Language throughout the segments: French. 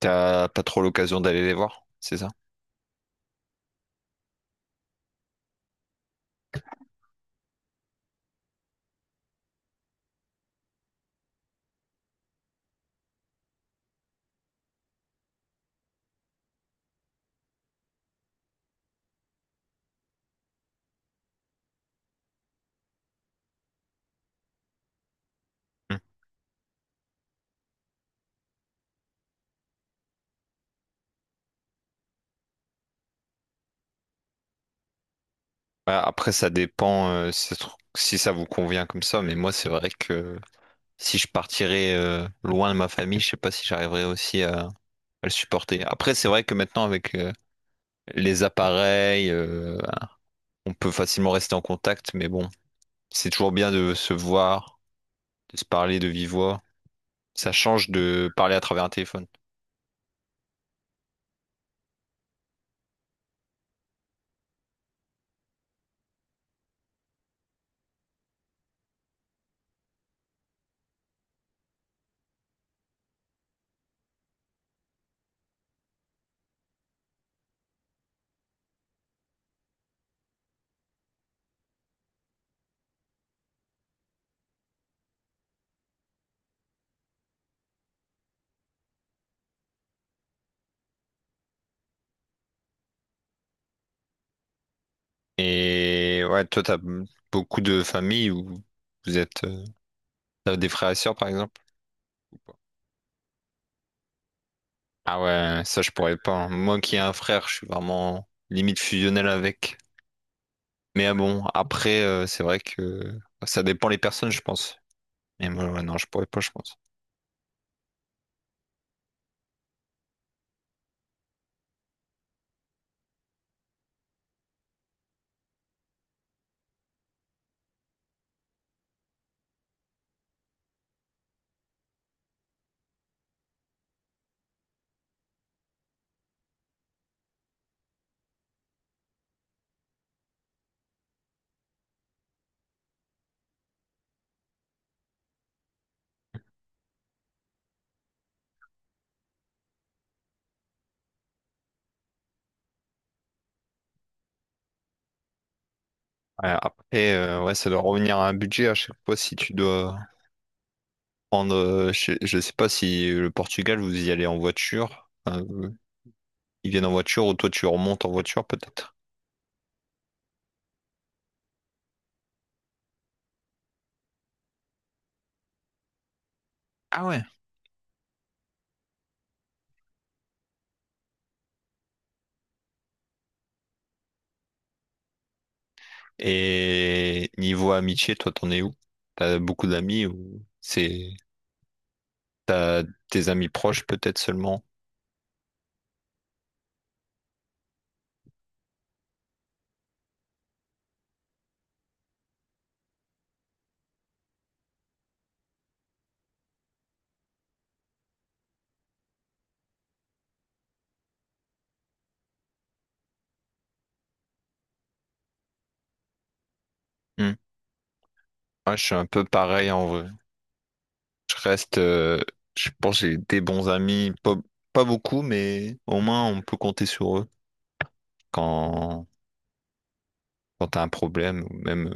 T'as pas trop l'occasion d'aller les voir, c'est ça? Hmm. Ouais, après, ça dépend si, si ça vous convient comme ça, mais moi, c'est vrai que si je partirais loin de ma famille, je sais pas si j'arriverais aussi à le supporter. Après, c'est vrai que maintenant, avec les appareils, on peut facilement rester en contact, mais bon, c'est toujours bien de se voir, de se parler de vive voix. Ça change de parler à travers un téléphone. Et ouais, toi, t'as beaucoup de familles où vous êtes, t'as des frères et sœurs, par exemple? Ah ouais, ça je pourrais pas, hein. Moi qui ai un frère, je suis vraiment limite fusionnel avec. Mais ah bon, après, c'est vrai que bah, ça dépend les personnes, je pense. Mais moi, ouais, non, je pourrais pas, je pense. Ouais, après, ouais, ça doit revenir à un budget à chaque fois si tu dois prendre. Je sais pas si le Portugal, vous y allez en voiture. Enfin, ils viennent en voiture ou toi tu remontes en voiture peut-être. Ah ouais. Et niveau amitié, toi t'en es où? T'as beaucoup d'amis ou c'est t'as tes amis proches peut-être seulement? Hmm. Ouais, je suis un peu pareil en vrai. Je reste, euh, je pense que j'ai des bons amis, pas beaucoup, mais au moins on peut compter sur eux quand, quand t'as un problème ou même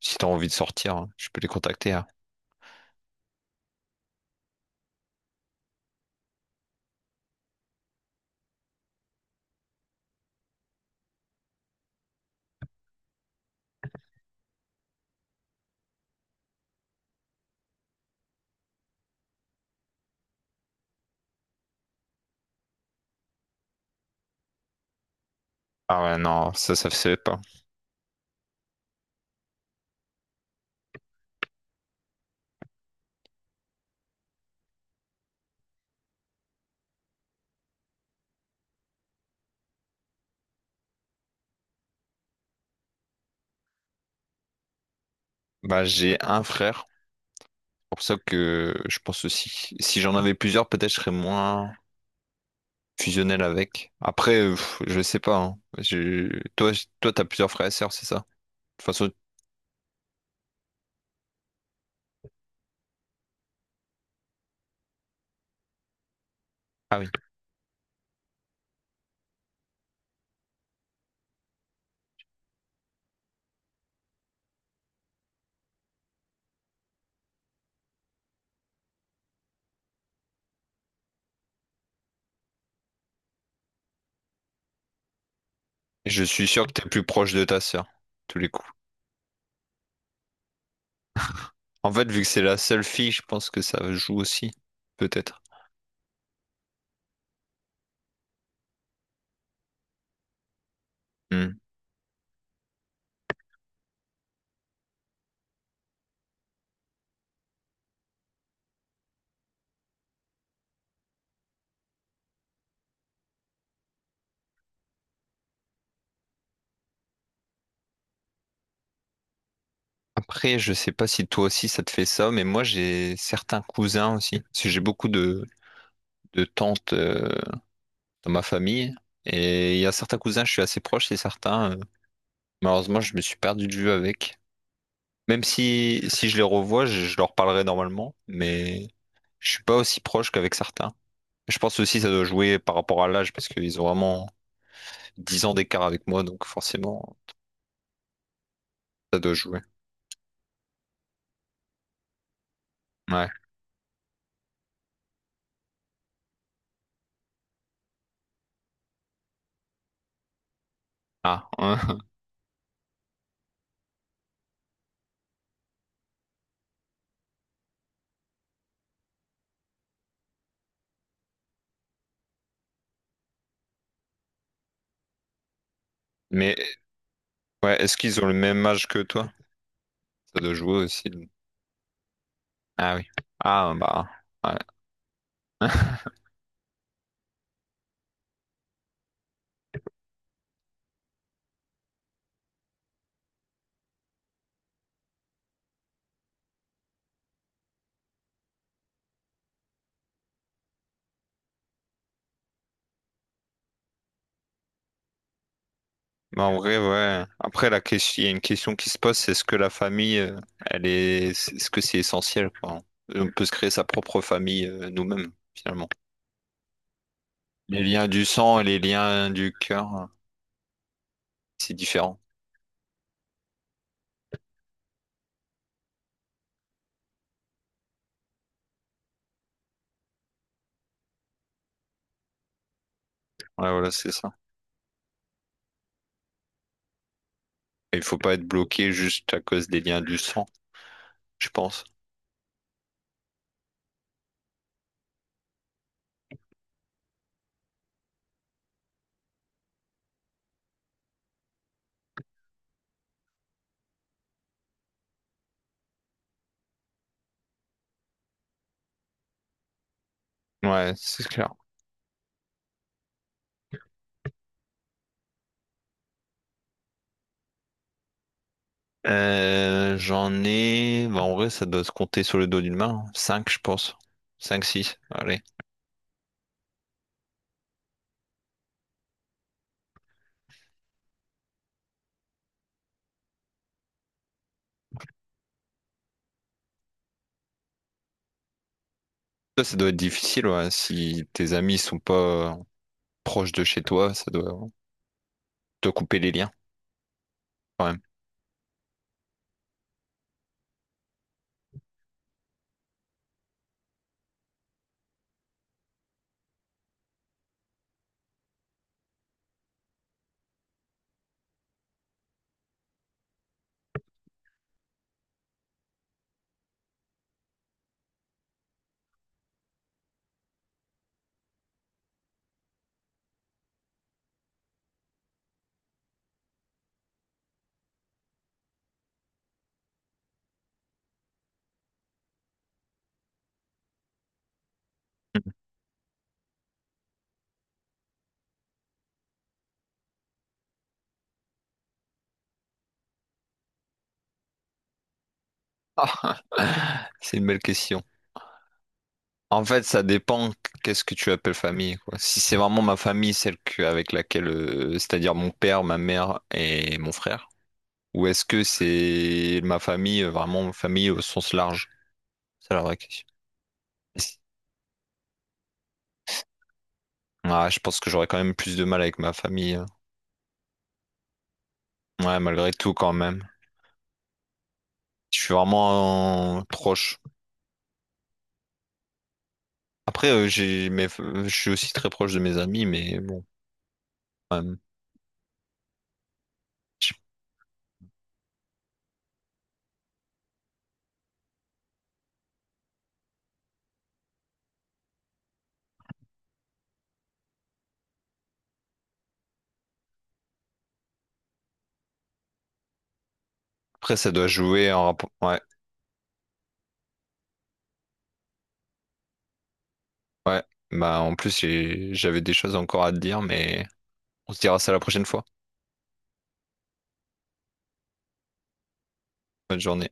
si t'as envie de sortir, hein, je peux les contacter, hein. Ah ouais, non, ça se fait pas. Bah, j'ai un frère. Pour ça que je pense aussi, si j'en avais plusieurs, peut-être je serais moins fusionnel avec. Après, pff, je sais pas, hein. Toi, t'as plusieurs frères et sœurs, c'est ça? De toute façon, ah oui. Je suis sûr que t'es plus proche de ta sœur, tous les coups. En fait, vu que c'est la seule fille, je pense que ça joue aussi, peut-être. Hmm. Après, je sais pas si toi aussi ça te fait ça, mais moi j'ai certains cousins aussi. Parce que j'ai beaucoup de tantes dans ma famille. Et il y a certains cousins, je suis assez proche, et certains. Malheureusement, je me suis perdu de vue avec. Même si, si je les revois, je leur parlerai normalement, mais je suis pas aussi proche qu'avec certains. Je pense aussi que ça doit jouer par rapport à l'âge, parce qu'ils ont vraiment 10 ans d'écart avec moi, donc forcément, ça doit jouer. Ouais. Ah, hein. Mais ouais, est-ce qu'ils ont le même âge que toi? Ça doit jouer aussi. Ah oui. Ah bah, ouais. Bah, en vrai, ouais. Après, la question, il y a une question qui se pose, c'est est-ce que la famille, est-ce que c'est essentiel, quoi? On peut se créer sa propre famille, nous-mêmes, finalement. Les liens du sang et les liens du cœur, c'est différent. Ouais, voilà, c'est ça. Et il faut pas être bloqué juste à cause des liens du sang, je pense. Ouais, c'est clair. J'en ai, bah, en vrai, ça doit se compter sur le dos d'une main, hein. Cinq je pense. Cinq six. Allez. Ça doit être difficile, ouais, si tes amis sont pas proche de chez toi, ça doit te couper les liens quand même. Ah, c'est une belle question. En fait, ça dépend qu'est-ce que tu appelles famille, quoi. Si c'est vraiment ma famille, avec laquelle, c'est-à-dire mon père, ma mère et mon frère, ou est-ce que c'est ma famille, vraiment famille au sens large? C'est la vraie question. Ouais, je pense que j'aurais quand même plus de mal avec ma famille, hein. Ouais, malgré tout, quand même. Je suis vraiment proche. Après, j'ai mes... je suis aussi très proche de mes amis, mais bon. Quand même. J-. Après, ça doit jouer en rapport. Ouais, ouais. Bah, en plus, j'avais des choses encore à te dire, mais on se dira ça la prochaine fois. Bonne journée.